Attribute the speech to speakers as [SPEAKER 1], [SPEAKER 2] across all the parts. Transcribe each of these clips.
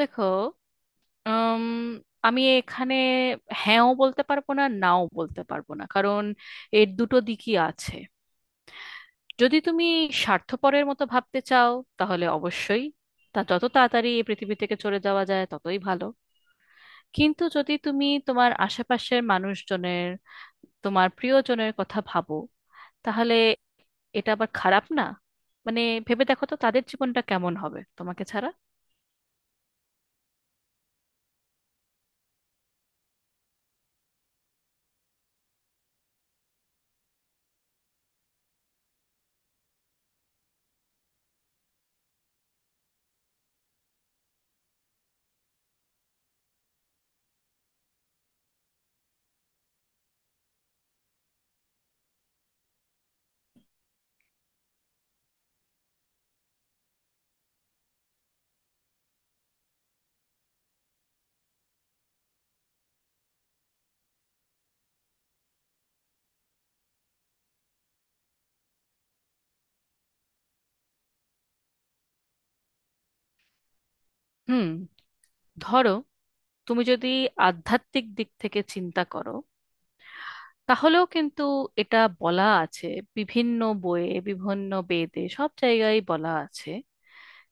[SPEAKER 1] দেখো, উম, আমি এখানে হ্যাঁও বলতে পারবো না, নাও বলতে পারবো না। কারণ এর দুটো দিকই আছে। যদি তুমি স্বার্থপরের মতো ভাবতে চাও, তাহলে অবশ্যই তা যত তাড়াতাড়ি এই পৃথিবী থেকে চলে যাওয়া যায় ততই ভালো। কিন্তু যদি তুমি তোমার আশেপাশের মানুষজনের, তোমার প্রিয়জনের কথা ভাবো, তাহলে এটা আবার খারাপ না। মানে, ভেবে দেখো তো তাদের জীবনটা কেমন হবে তোমাকে ছাড়া। হুম, ধরো তুমি যদি আধ্যাত্মিক দিক থেকে চিন্তা করো, তাহলেও কিন্তু এটা বলা আছে, বিভিন্ন বইয়ে, বিভিন্ন বেদে সব জায়গায় বলা আছে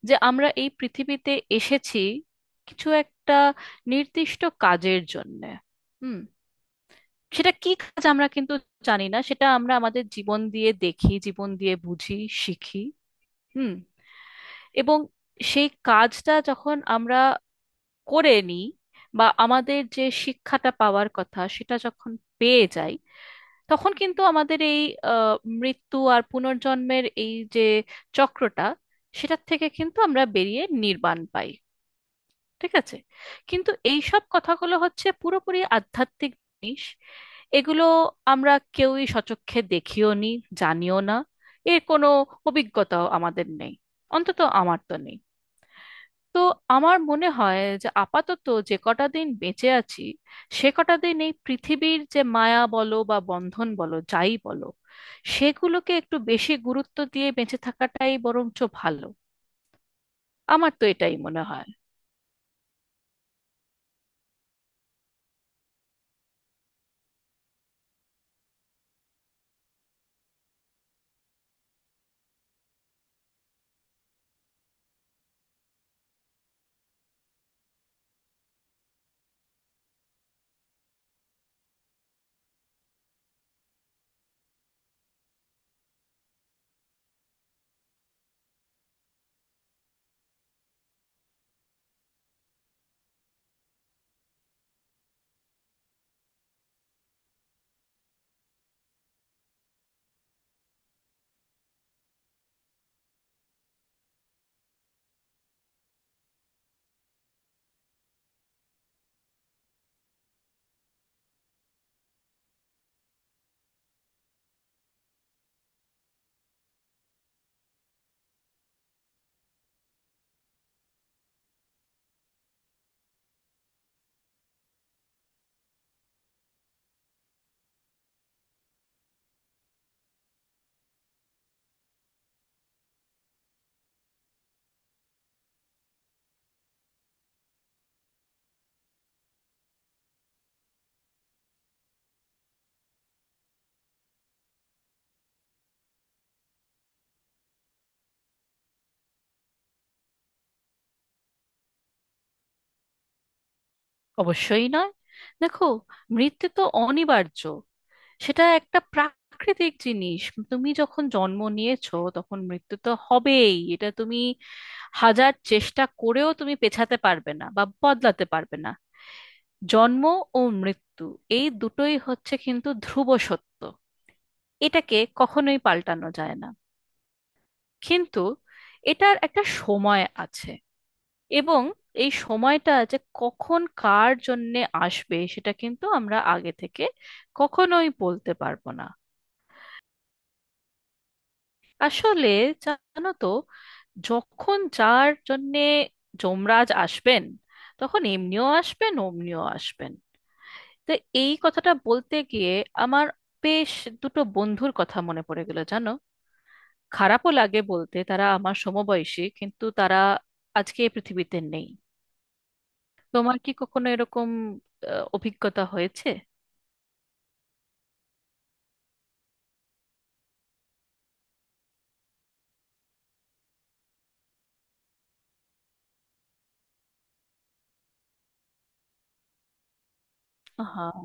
[SPEAKER 1] যে আমরা এই পৃথিবীতে এসেছি কিছু একটা নির্দিষ্ট কাজের জন্য। হুম। সেটা কি কাজ আমরা কিন্তু জানি না, সেটা আমরা আমাদের জীবন দিয়ে দেখি, জীবন দিয়ে বুঝি, শিখি। হুম। এবং সেই কাজটা যখন আমরা করে নিই, বা আমাদের যে শিক্ষাটা পাওয়ার কথা সেটা যখন পেয়ে যাই, তখন কিন্তু আমাদের এই আহ, মৃত্যু আর পুনর্জন্মের এই যে চক্রটা, সেটার থেকে কিন্তু আমরা বেরিয়ে নির্বাণ পাই। ঠিক আছে, কিন্তু এই সব কথাগুলো হচ্ছে পুরোপুরি আধ্যাত্মিক জিনিস। এগুলো আমরা কেউই সচক্ষে দেখিও নি, জানিও না, এর কোনো অভিজ্ঞতাও আমাদের নেই, অন্তত আমার তো নেই। তো আমার মনে হয় যে আপাতত যে কটা দিন বেঁচে আছি, সে কটা দিন এই পৃথিবীর যে মায়া বলো বা বন্ধন বলো যাই বলো, সেগুলোকে একটু বেশি গুরুত্ব দিয়ে বেঁচে থাকাটাই বরঞ্চ ভালো। আমার তো এটাই মনে হয়। অবশ্যই নয়। দেখো, মৃত্যু তো অনিবার্য, সেটা একটা প্রাকৃতিক জিনিস। তুমি যখন জন্ম নিয়েছো তখন মৃত্যু তো হবেই, এটা তুমি হাজার চেষ্টা করেও তুমি পেছাতে পারবে না বা বদলাতে পারবে না। জন্ম ও মৃত্যু এই দুটোই হচ্ছে কিন্তু ধ্রুব সত্য, এটাকে কখনোই পাল্টানো যায় না। কিন্তু এটার একটা সময় আছে, এবং এই সময়টা যে কখন কার জন্যে আসবে সেটা কিন্তু আমরা আগে থেকে কখনোই বলতে পারবো না। আসলে, জানো তো, যখন যার জন্যে যমরাজ আসবেন, তখন এমনিও আসবেন অমনিও আসবেন। তো এই কথাটা বলতে গিয়ে আমার বেশ দুটো বন্ধুর কথা মনে পড়ে গেল, জানো। খারাপও লাগে বলতে, তারা আমার সমবয়সী কিন্তু তারা আজকে এই পৃথিবীতে নেই। তোমার কি কখনো এরকম অভিজ্ঞতা হয়েছে? হ্যাঁ,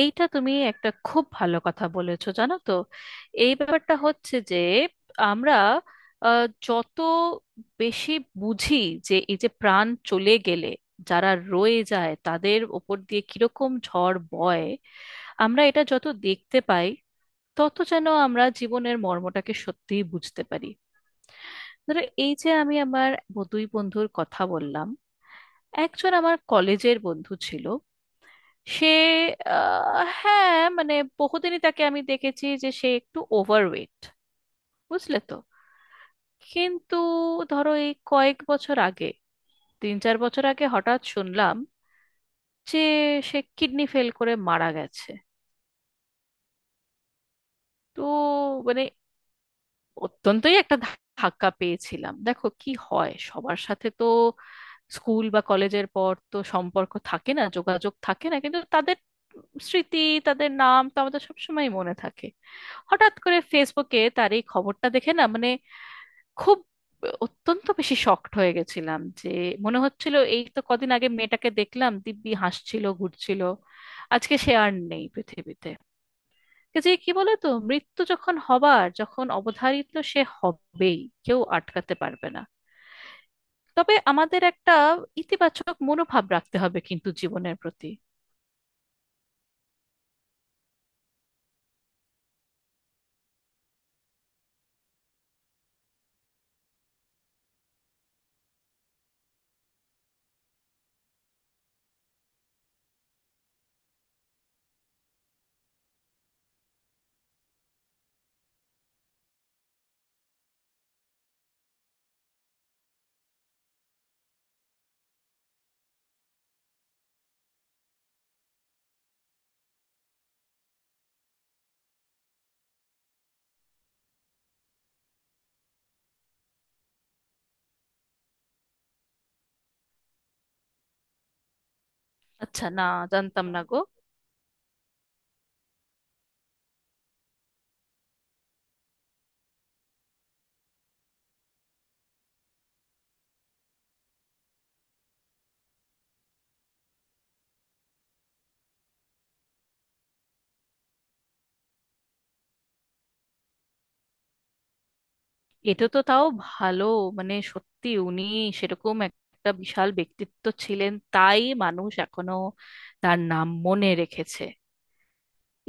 [SPEAKER 1] এইটা তুমি একটা খুব ভালো কথা বলেছো, জানো তো। এই ব্যাপারটা হচ্ছে যে আমরা যত বেশি বুঝি যে এই যে প্রাণ চলে গেলে যারা রয়ে যায় তাদের ওপর দিয়ে কিরকম ঝড় বয়, আমরা এটা যত দেখতে পাই তত যেন আমরা জীবনের মর্মটাকে সত্যিই বুঝতে পারি। ধরো এই যে আমি আমার দুই বন্ধুর কথা বললাম, একজন আমার কলেজের বন্ধু ছিল। সে হ্যাঁ, মানে, বহুদিনই তাকে আমি দেখেছি যে সে একটু ওভারওয়েট, বুঝলে তো। কিন্তু ধরো এই কয়েক বছর আগে, তিন চার বছর আগে হঠাৎ শুনলাম যে সে কিডনি ফেল করে মারা গেছে। তো মানে অত্যন্তই একটা ধাক্কা পেয়েছিলাম। দেখো কি হয় সবার সাথে তো, স্কুল বা কলেজের পর তো সম্পর্ক থাকে না, যোগাযোগ থাকে না, কিন্তু তাদের স্মৃতি, তাদের নাম তো আমাদের সবসময় মনে থাকে। হঠাৎ করে ফেসবুকে তার এই খবরটা দেখে, না মানে, খুব অত্যন্ত বেশি শকড হয়ে গেছিলাম। যে মনে হচ্ছিল এই তো কদিন আগে মেয়েটাকে দেখলাম, দিব্যি হাসছিল, ঘুরছিল, আজকে সে আর নেই পৃথিবীতে। যে কি বলে তো, মৃত্যু যখন হবার, যখন অবধারিত সে হবেই, কেউ আটকাতে পারবে না। তবে আমাদের একটা ইতিবাচক মনোভাব রাখতে হবে কিন্তু জীবনের প্রতি। আচ্ছা, না, জানতাম না গো। এটা তো তাও ভালো, মানে সত্যি উনি সেরকম একটা বিশাল ব্যক্তিত্ব ছিলেন, তাই মানুষ এখনো তার নাম মনে রেখেছে।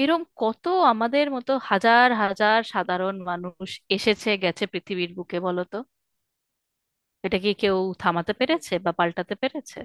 [SPEAKER 1] এরম কত আমাদের মতো হাজার হাজার সাধারণ মানুষ এসেছে গেছে পৃথিবীর বুকে, বলো তো? এটা কি কেউ থামাতে পেরেছে বা পাল্টাতে পেরেছে?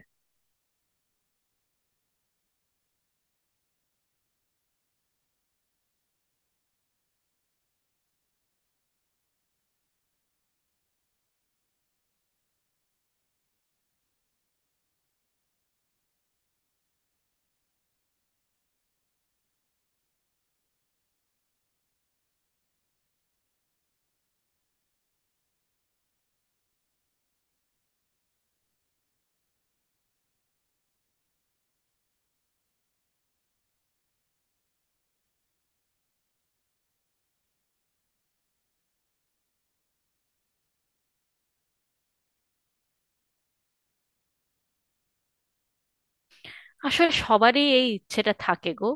[SPEAKER 1] আসলে সবারই এই ইচ্ছেটা থাকে গো,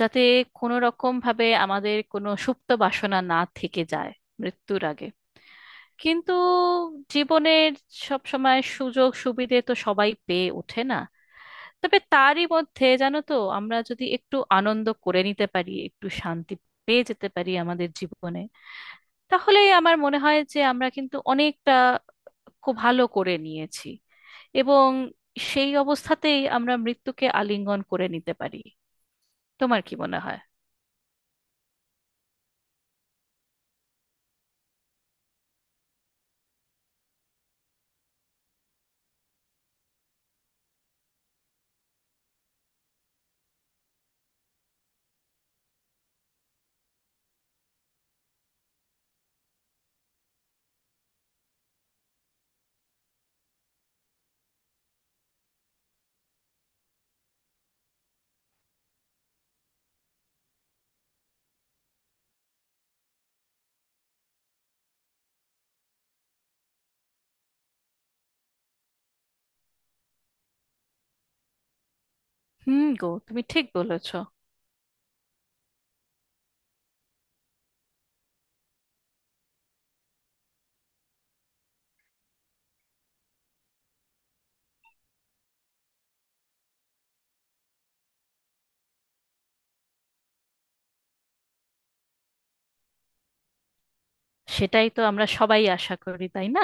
[SPEAKER 1] যাতে কোনো রকম ভাবে আমাদের কোনো সুপ্ত বাসনা না থেকে যায় মৃত্যুর আগে। কিন্তু জীবনের সব সময় সুযোগ সুবিধে তো সবাই পেয়ে ওঠে না। তবে তারই মধ্যে, জানো তো, আমরা যদি একটু আনন্দ করে নিতে পারি, একটু শান্তি পেয়ে যেতে পারি আমাদের জীবনে, তাহলে আমার মনে হয় যে আমরা কিন্তু অনেকটা খুব ভালো করে নিয়েছি। এবং সেই অবস্থাতেই আমরা মৃত্যুকে আলিঙ্গন করে নিতে পারি। তোমার কি মনে হয়? হুম গো, তুমি ঠিক বলেছ। সেটাই তো আমরা সবাই আশা করি, তাই না?